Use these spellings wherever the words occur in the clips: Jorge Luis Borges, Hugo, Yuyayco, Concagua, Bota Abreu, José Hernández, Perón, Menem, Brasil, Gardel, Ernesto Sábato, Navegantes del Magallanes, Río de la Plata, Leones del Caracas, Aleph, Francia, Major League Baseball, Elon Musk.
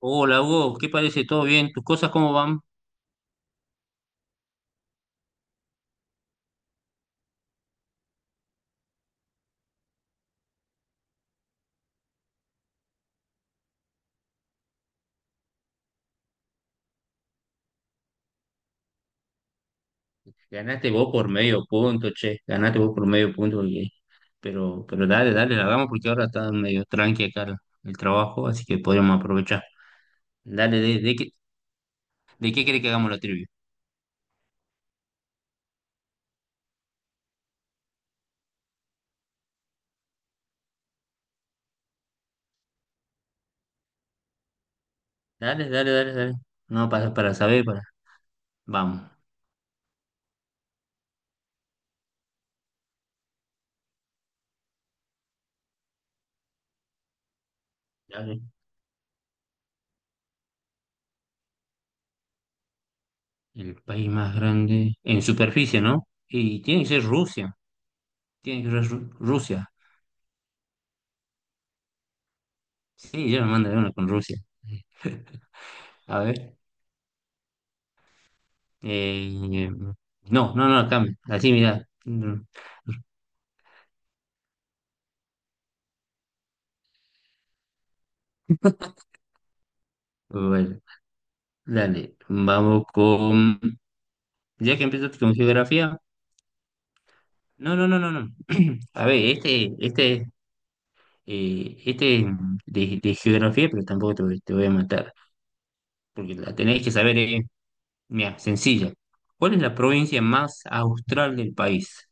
Hola Hugo, ¿qué parece? ¿Todo bien? ¿Tus cosas cómo van? Ganaste vos por medio punto, che. Ganaste vos por medio punto, oye. Pero dale, la hagamos porque ahora está medio tranqui acá el trabajo, así que podríamos aprovechar. Dale, ¿de qué querés que hagamos la trivia? Dale, dale, dale, dale. No, para saber, para. Vamos. Dale. El país más grande en superficie, ¿no? Y tiene que ser Rusia. Tiene que ser Rusia. Sí, yo me mandaré una con Rusia. A ver. Eh, no, no, no, cambia. Así, mira. Mm, bueno, dale. Vamos con. Ya que empezaste con geografía. No, no, no, no, no. A ver, este de geografía, pero tampoco te, voy te voy a matar. Porque la tenéis que saber, eh. Mira, sencilla. ¿Cuál es la provincia más austral del país?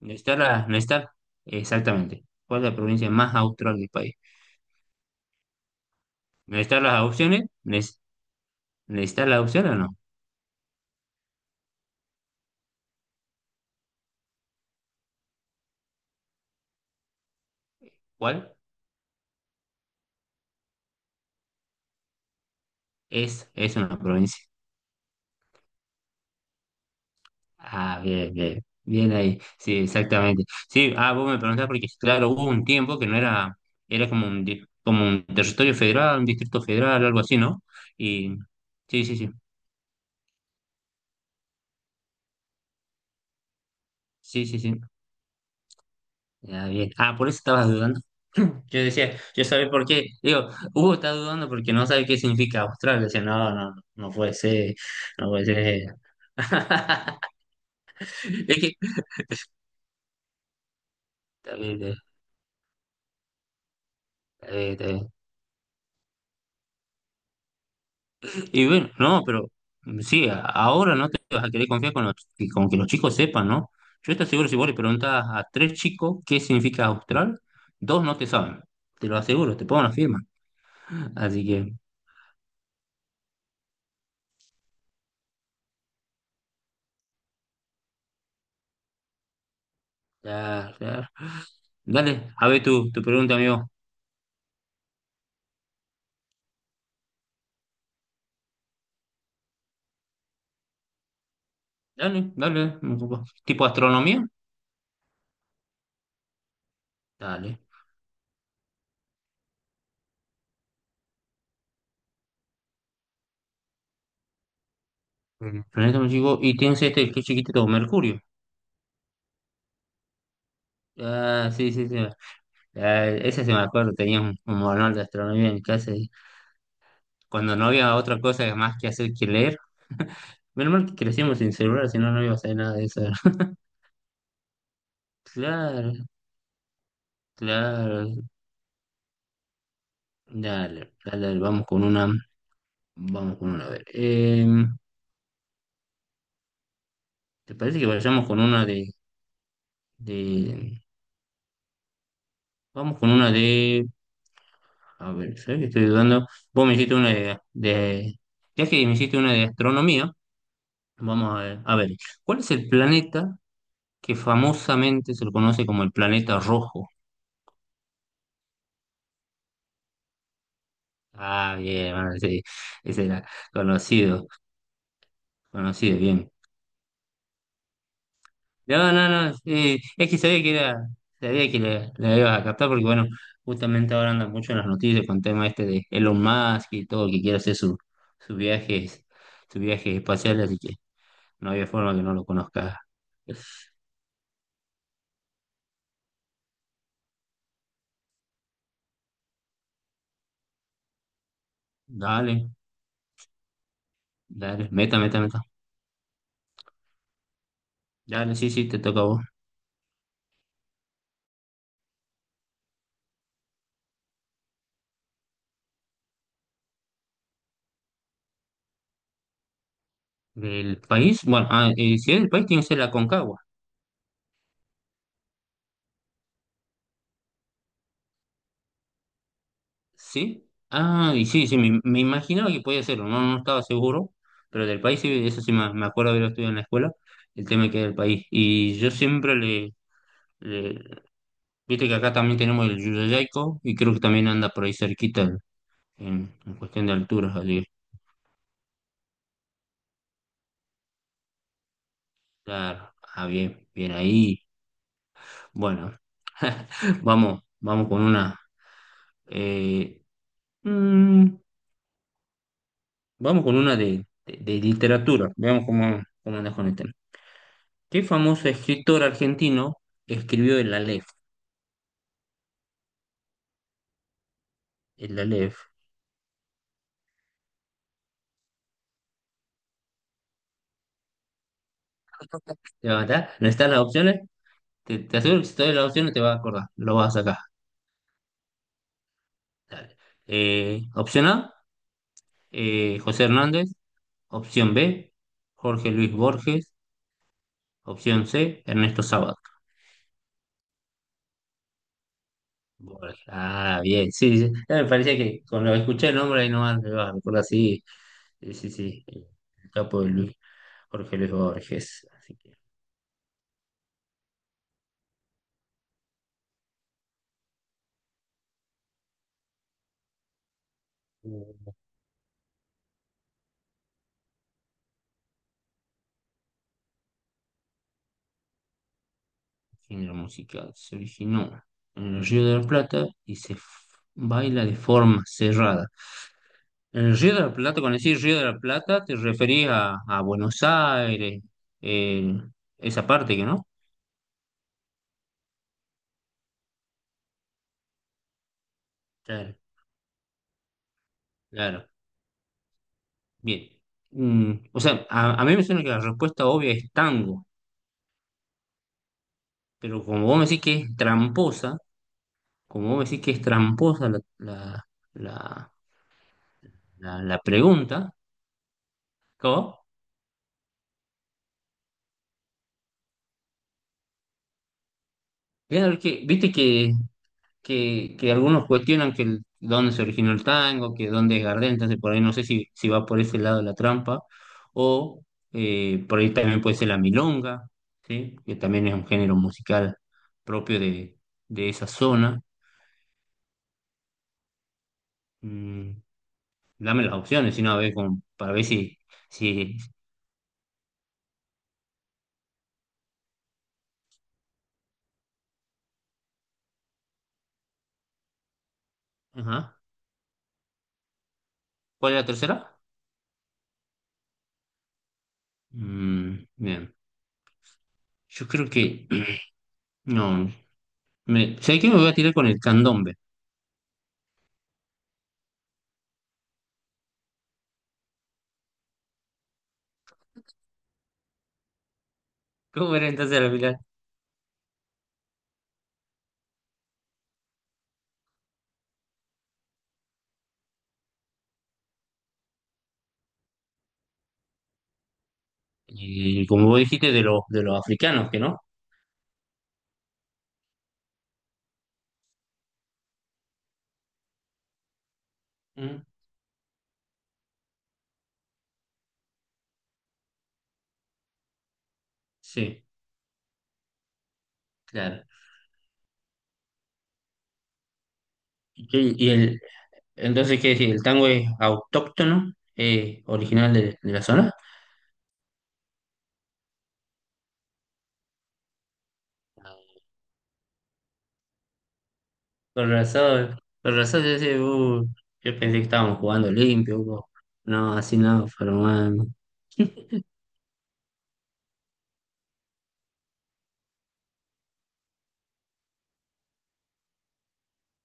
¿No está no está? Exactamente. ¿Cuál es la provincia más austral del país? ¿No están las opciones? ¿No está la opción o no? ¿Cuál? Es una provincia. Ah, bien, bien, bien ahí. Sí, exactamente. Sí, ah, vos me preguntás porque, claro, hubo un tiempo que no era, era como como un territorio federal, un distrito federal, algo así, ¿no? Y sí, sí, sí, sí, sí, sí. Ah, bien. Ah, por eso estabas dudando. Yo decía, yo sabía por qué. Digo, Hugo está dudando porque no sabe qué significa Australia. Decía, no, no, no puede ser, no puede ser. Es que, está bien, está bien, está bien. Y bueno, no, pero sí, ahora no te vas a querer confiar con, con que los chicos sepan, ¿no? Yo estoy seguro, si vos le preguntás a tres chicos qué significa austral, dos no te saben. Te lo aseguro, te pongo una firma. Así que, ya, ya. Dale, a ver tu pregunta, amigo. Dale, dale. No. ¿Tipo astronomía? Dale. Ujú. Planeta muy chico. Y tienes este, qué chiquitito, Mercurio. Ah, sí, sí, sí. Ah, ese se me acuerdo, tenía un manual de astronomía en casa. Cuando no había otra cosa más que hacer que leer. Menos mal que crecimos sin celular, si no, no iba a hacer nada de eso. Claro, claro. Dale, dale, dale, vamos con una. Vamos con una. A ver. ¿Te parece que vayamos con una de. Vamos con una de. A ver, ¿sabes que estoy dudando? Vos me hiciste una de- Ya que me hiciste una de astronomía, vamos a ver. A ver, ¿cuál es el planeta que famosamente se lo conoce como el planeta rojo? Ah, bien, bueno, sí, ese era conocido, conocido, bien. No, no, no, sí, es que sabía que era, sabía que le ibas a captar porque, bueno, justamente ahora andan mucho en las noticias con el tema este de Elon Musk y todo, que quiere hacer su, sus viajes, sus viajes espaciales, así que no había forma que no lo conozca. Dale, dale, meta, meta, meta. Dale, sí, sí, te toca a vos. ¿Del país? Bueno, ah, si es del país, tiene que ser la Concagua. Sí. Ah, y sí, sí, me imaginaba que podía hacerlo, no, no estaba seguro, pero del país, sí, eso sí me acuerdo haberlo estudiado en la escuela, el tema que era el país. Y yo siempre le- viste que acá también tenemos el Yuyayco, y creo que también anda por ahí cerquita en cuestión de alturas, así que, claro, ah, bien, bien ahí. Bueno, vamos, vamos con una, eh, mm, vamos con una de literatura, veamos cómo, cómo andas con este. ¿Qué famoso escritor argentino escribió el Aleph? El Aleph. ¿Te va a matar? ¿No están las opciones? Te aseguro que si te doy las opciones te vas a acordar. Lo vas a sacar. Dale. Opción A, José Hernández. Opción B, Jorge Luis Borges. Opción C, Ernesto Sábato. Borges. Ah, bien. Sí, sí. Ya me parecía que cuando escuché el nombre ahí nomás me va a recordar. Sí, sí, sí. Sí. El capo de Luis, Jorge Luis Borges. Así que. Uh. Género musical. Se originó en el Río de la Plata y se baila de forma cerrada. En el Río de la Plata, cuando decís Río de la Plata, te referís a Buenos Aires, eh, esa parte que no. Claro, claro. Bien. Mm, o sea, a mí me suena que la respuesta obvia es tango, pero como vos me decís que es tramposa, como vos me decís que es tramposa la, la pregunta, ¿cómo? Claro, que, viste que que algunos cuestionan que dónde se originó el tango, que dónde es Gardel, entonces por ahí no sé si, si va por ese lado la trampa, o por ahí también puede ser la milonga, ¿sí? Que también es un género musical propio de esa zona. Mm, dame las opciones, si no, a ver, como para ver si... si... Ajá. ¿Cuál es la tercera? Mm, bien, yo creo que... No, me... ¿sabes qué? Me voy a tirar con el candombe. ¿Cómo era entonces la final? Y como vos dijiste, de de los africanos, que ¿no? Mm. Sí, claro. ¿Y, y el, entonces, ¿qué decir? ¿El tango es autóctono, original de la zona? Con razón, yo, decía, yo pensé que estábamos jugando limpio, Hugo". No, así no, pero bueno,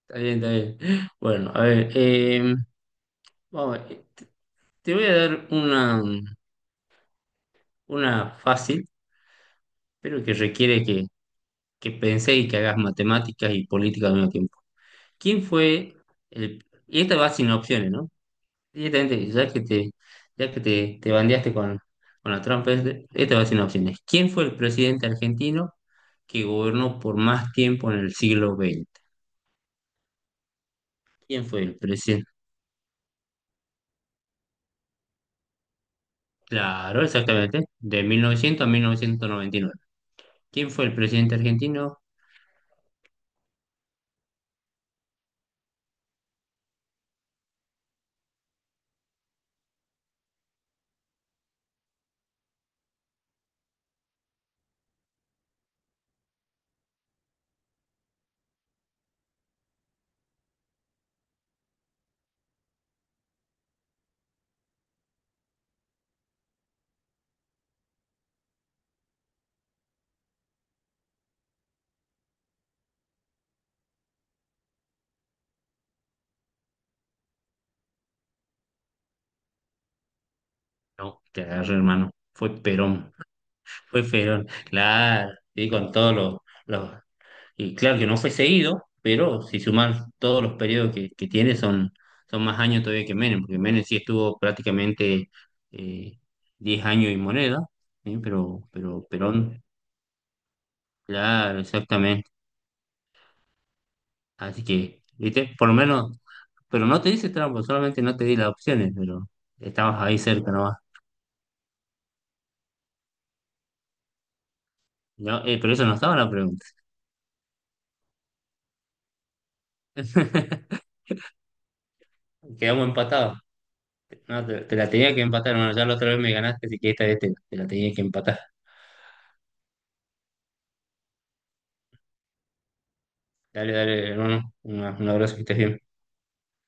está bien, está bien. Bueno, a ver, vamos, te voy a dar una fácil, pero que requiere que penséis y que hagas matemáticas y política al mismo tiempo. ¿Quién fue el... Y esta va sin opciones, ¿no? Directamente, ya que te bandeaste con la trampa, esta va sin opciones. ¿Quién fue el presidente argentino que gobernó por más tiempo en el siglo XX? ¿Quién fue el presidente? Claro, exactamente, de 1900 a 1999. ¿Quién fue el presidente argentino? No, te agarré, hermano. Fue Perón. Fue Perón, claro. Y con todos los, y claro que no fue seguido, pero si sumas todos los periodos que tiene, son, son más años todavía que Menem, porque Menem sí estuvo prácticamente eh, 10 años y moneda, ¿sí? Pero Perón, claro, exactamente. Así que, ¿viste? Por lo menos, pero no te dice trampa, solamente no te di las opciones, pero estabas ahí cerca nomás. No, pero eso no estaba la pregunta. Quedamos empatados. No, te la tenía que empatar. Bueno, ya la otra vez me ganaste, así que esta vez te la tenía que empatar. Dale, dale, hermano. Un abrazo, que estés bien.